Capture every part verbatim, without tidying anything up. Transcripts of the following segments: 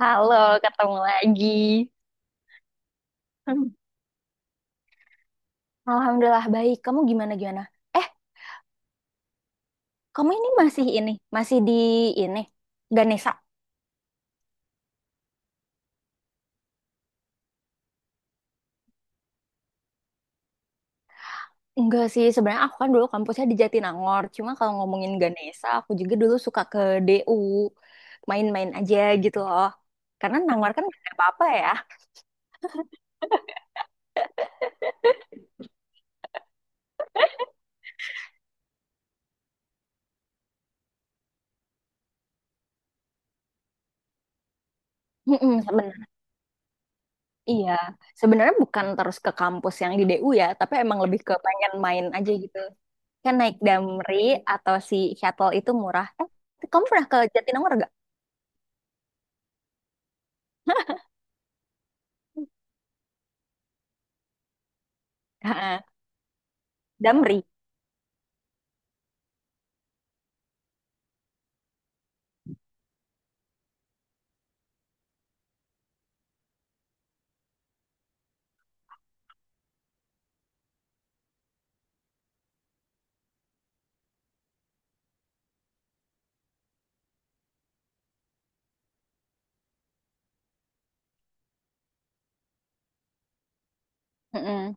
Halo, ketemu lagi. Hmm, Alhamdulillah baik. Kamu gimana gimana? Eh, kamu ini masih ini, masih di ini Ganesha? Enggak sih, sebenarnya aku kan dulu kampusnya di Jatinangor. Cuma kalau ngomongin Ganesha, aku juga dulu suka ke D U, main-main aja gitu loh. Karena Nangor kan gak ada apa-apa ya. Mm-mm, sebenarnya. Iya, sebenarnya bukan terus ke kampus yang di D U ya, tapi emang lebih ke pengen main aja gitu. Kan naik Damri atau si shuttle itu murah. Eh, kamu pernah ke Jatinangor. Ha-ha. Damri. Mm-mm.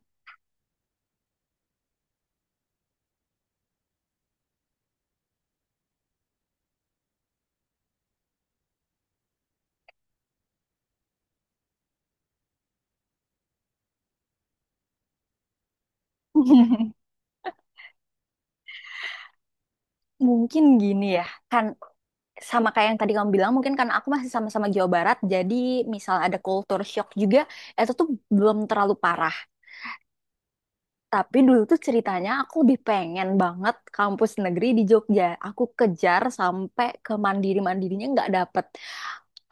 Mungkin gini ya, kan sama kayak yang tadi kamu bilang, mungkin karena aku masih sama-sama Jawa Barat, jadi misal ada culture shock juga, itu tuh belum terlalu parah. Tapi dulu tuh ceritanya aku lebih pengen banget kampus negeri di Jogja. Aku kejar sampai ke mandiri-mandirinya nggak dapet.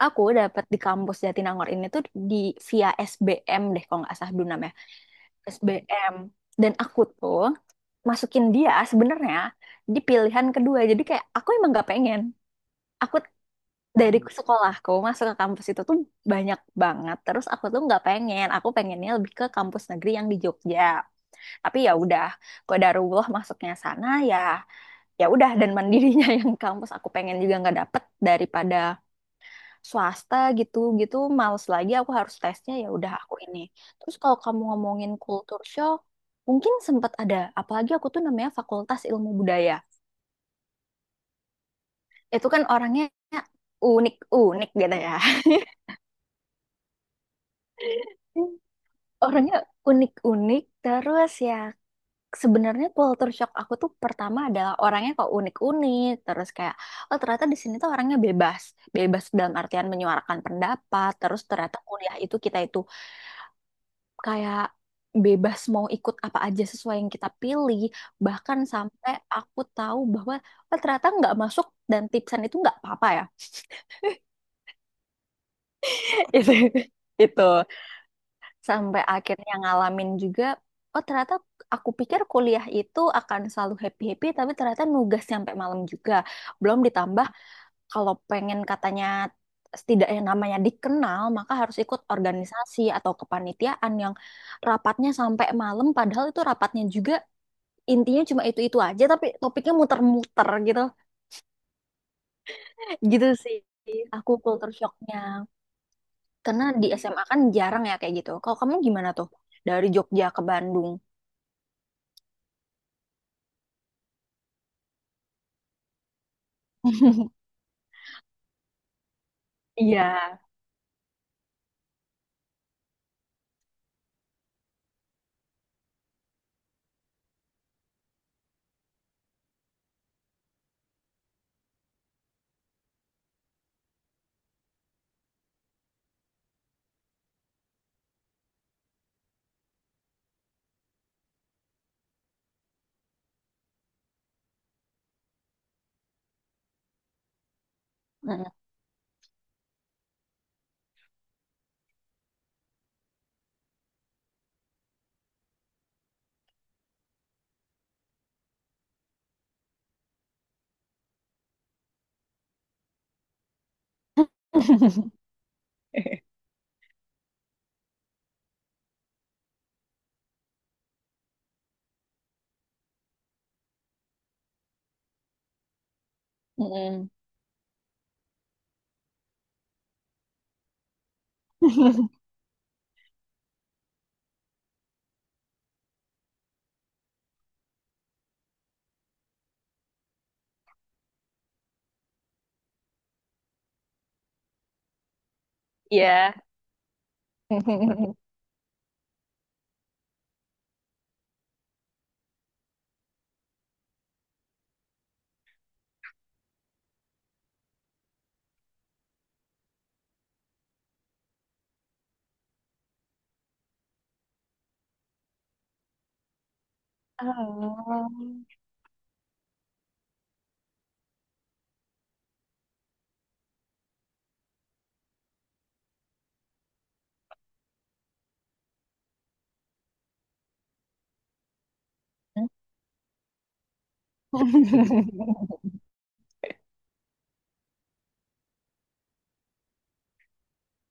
Aku dapet di kampus Jatinangor ini tuh di via S B M deh kalau nggak salah dulu namanya. S B M. Dan aku tuh masukin dia sebenarnya di pilihan kedua. Jadi kayak aku emang gak pengen. Aku dari sekolahku masuk ke kampus itu tuh banyak banget. Terus aku tuh nggak pengen. Aku pengennya lebih ke kampus negeri yang di Jogja. Tapi ya udah, qadarullah masuknya sana ya. Ya udah dan mandirinya yang kampus aku pengen juga nggak dapet daripada swasta gitu gitu. Males lagi aku harus tesnya ya udah aku ini. Terus kalau kamu ngomongin kultur shock, mungkin sempat ada. Apalagi aku tuh namanya Fakultas Ilmu Budaya, itu kan orangnya unik-unik gitu ya. Orangnya unik-unik terus ya, sebenarnya culture shock aku tuh pertama adalah orangnya kok unik-unik terus kayak oh ternyata di sini tuh orangnya bebas. Bebas dalam artian menyuarakan pendapat, terus ternyata kuliah itu kita itu kayak bebas mau ikut apa aja sesuai yang kita pilih, bahkan sampai aku tahu bahwa oh, ternyata nggak masuk dan tipsan itu nggak apa-apa ya. itu itu sampai akhirnya ngalamin juga oh ternyata aku pikir kuliah itu akan selalu happy-happy tapi ternyata nugas sampai malam juga, belum ditambah kalau pengen katanya setidaknya namanya dikenal maka harus ikut organisasi atau kepanitiaan yang rapatnya sampai malam, padahal itu rapatnya juga intinya cuma itu-itu aja tapi topiknya muter-muter gitu. Gitu sih aku culture shocknya, karena di S M A kan jarang ya kayak gitu. Kalau kamu gimana tuh dari Jogja ke Bandung? Iya. Heeh. Mhm. Iya. Oh.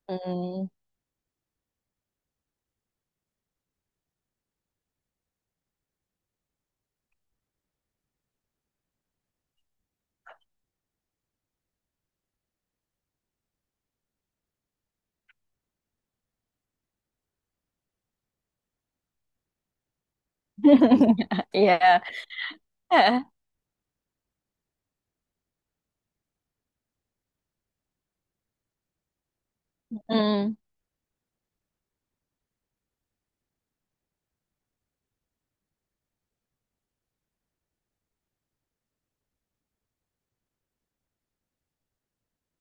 Mhm. Iya, heeh. Mhm,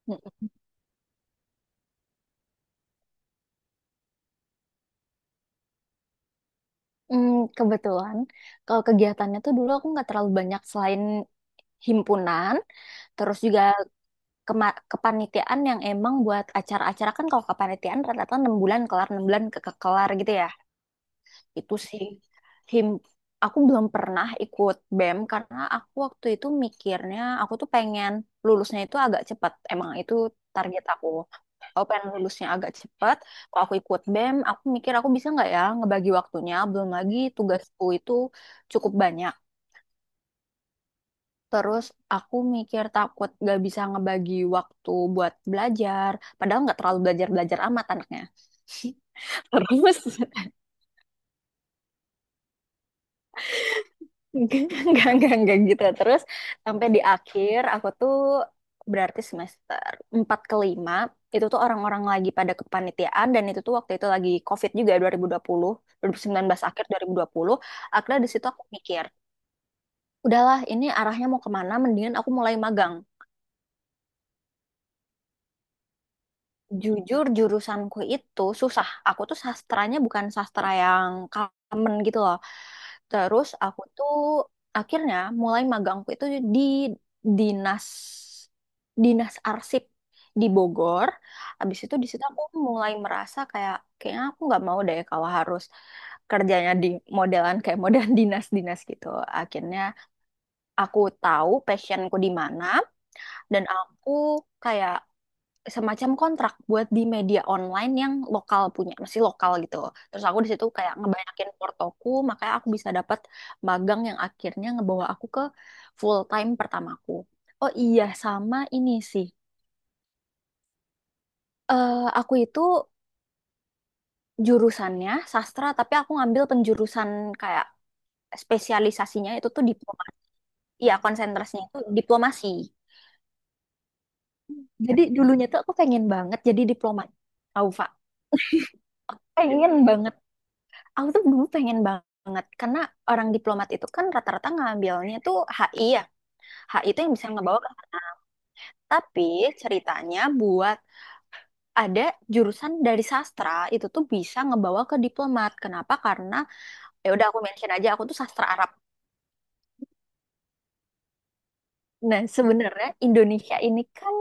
mhm, mmm, kebetulan kalau kegiatannya tuh dulu aku nggak terlalu banyak selain himpunan, terus juga kema kepanitiaan yang emang buat acara-acara kan. Kalau kepanitiaan rata-rata enam bulan kelar, enam bulan ke kelar gitu ya. Itu sih, him aku belum pernah ikut BEM karena aku waktu itu mikirnya aku tuh pengen lulusnya itu agak cepat, emang itu target aku. Aku pengen lulusnya agak cepat. Kalau aku ikut BEM aku mikir aku bisa nggak ya ngebagi waktunya, belum lagi tugasku itu cukup banyak. Terus aku mikir takut nggak bisa ngebagi waktu buat belajar, padahal nggak terlalu belajar-belajar amat anaknya. Terus enggak, enggak, enggak enggak gitu. Terus sampai di akhir aku tuh berarti semester empat ke lima itu tuh orang-orang lagi pada kepanitiaan, dan itu tuh waktu itu lagi COVID juga, dua ribu dua puluh, dua ribu ribu puluh sembilan belas akhir dua dua ribu dua puluh Akhirnya di situ aku mikir, udahlah ini arahnya mau kemana, mendingan aku mulai magang. Jujur jurusanku itu susah. Aku tuh sastranya bukan sastra yang common gitu loh. Terus aku tuh akhirnya mulai magangku itu di dinas dinas arsip di Bogor. Habis itu di situ aku mulai merasa kayak kayaknya aku nggak mau deh kalau harus kerjanya di modelan kayak model dinas-dinas gitu. Akhirnya aku tahu passionku di mana, dan aku kayak semacam kontrak buat di media online yang lokal punya, masih lokal gitu. Terus aku di situ kayak ngebanyakin portoku, makanya aku bisa dapat magang yang akhirnya ngebawa aku ke full time pertamaku. Oh iya, sama ini sih. Eh aku itu jurusannya sastra, tapi aku ngambil penjurusan kayak spesialisasinya itu tuh diplomasi. Iya, konsentrasinya itu diplomasi. Jadi dulunya tuh aku pengen banget jadi diplomat. Tau, Pak. Pengen banget. Aku tuh dulu pengen banget karena orang diplomat itu kan rata-rata ngambilnya tuh H I ya. H I itu yang bisa ngebawa ke sana. Tapi ceritanya buat ada jurusan dari sastra itu tuh bisa ngebawa ke diplomat. Kenapa? Karena ya udah aku mention aja aku tuh sastra Arab. Nah, sebenarnya Indonesia ini kan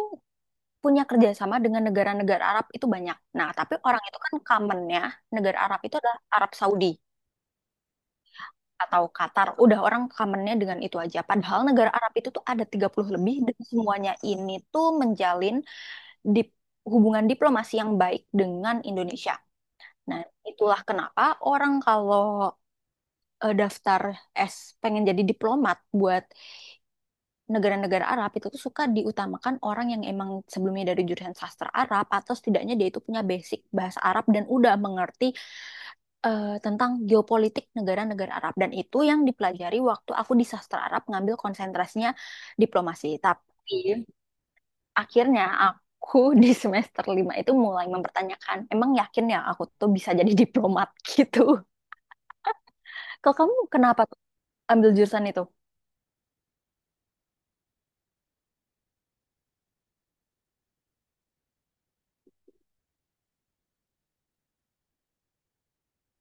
punya kerjasama dengan negara-negara Arab itu banyak. Nah, tapi orang itu kan commonnya negara Arab itu adalah Arab Saudi atau Qatar, udah orang kamennya dengan itu aja. Padahal negara Arab itu tuh ada tiga puluh lebih dan semuanya ini tuh menjalin dip- hubungan diplomasi yang baik dengan Indonesia. Nah, itulah kenapa orang kalau eh, daftar S pengen jadi diplomat buat negara-negara Arab itu tuh suka diutamakan orang yang emang sebelumnya dari jurusan sastra Arab atau setidaknya dia itu punya basic bahasa Arab dan udah mengerti eh, tentang geopolitik negara-negara Arab, dan itu yang dipelajari waktu aku di sastra Arab ngambil konsentrasinya diplomasi. Tapi akhirnya aku di semester lima itu mulai mempertanyakan, emang yakin ya aku tuh bisa jadi diplomat gitu. Kalau kamu kenapa tuh ambil jurusan itu?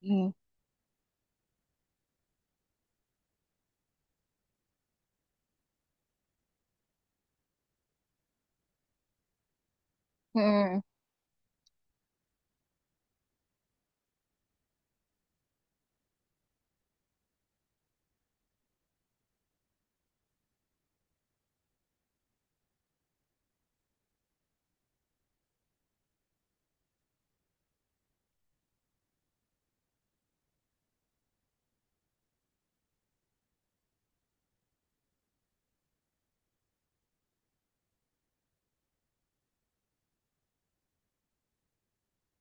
Hmm. Mm-mm.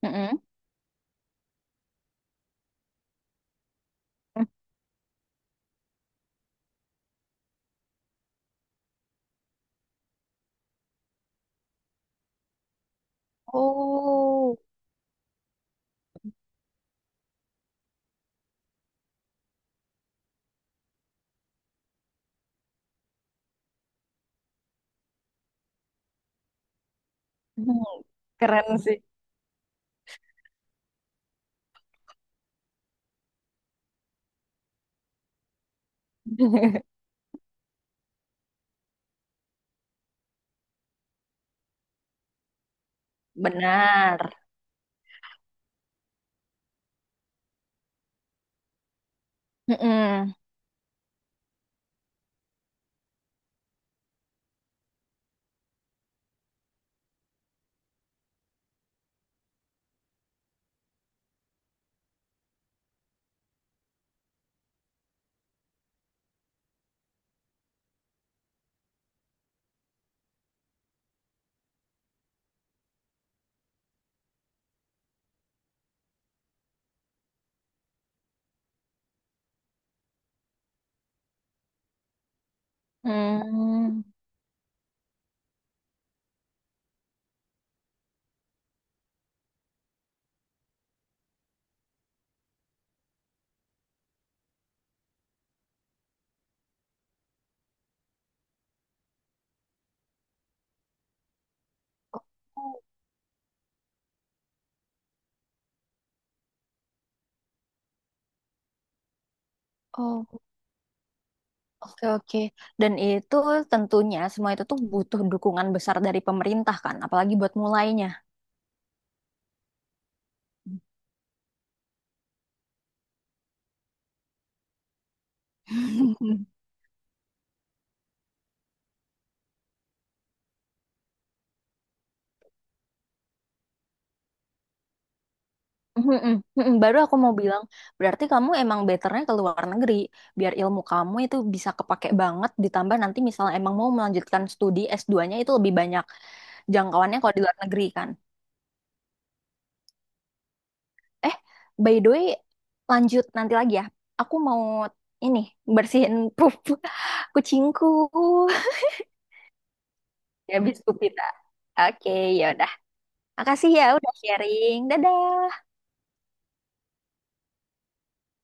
Mm-mm. Oh. Benar. Mm-mm. Hmm. Oh, oke, oke. Dan itu tentunya semua itu tuh butuh dukungan besar dari pemerintah kan, apalagi buat mulainya. Mm-mm, mm-mm. Baru aku mau bilang, berarti kamu emang betternya ke luar negeri, biar ilmu kamu itu bisa kepake banget, ditambah nanti misalnya emang mau melanjutkan studi s duanya itu lebih banyak jangkauannya kalau di luar negeri kan. Eh, by the way, lanjut nanti lagi ya. Aku mau ini, bersihin pup kucingku. Ya, habis pup kita. Oke, ya. Makasih ya udah sharing. Dadah.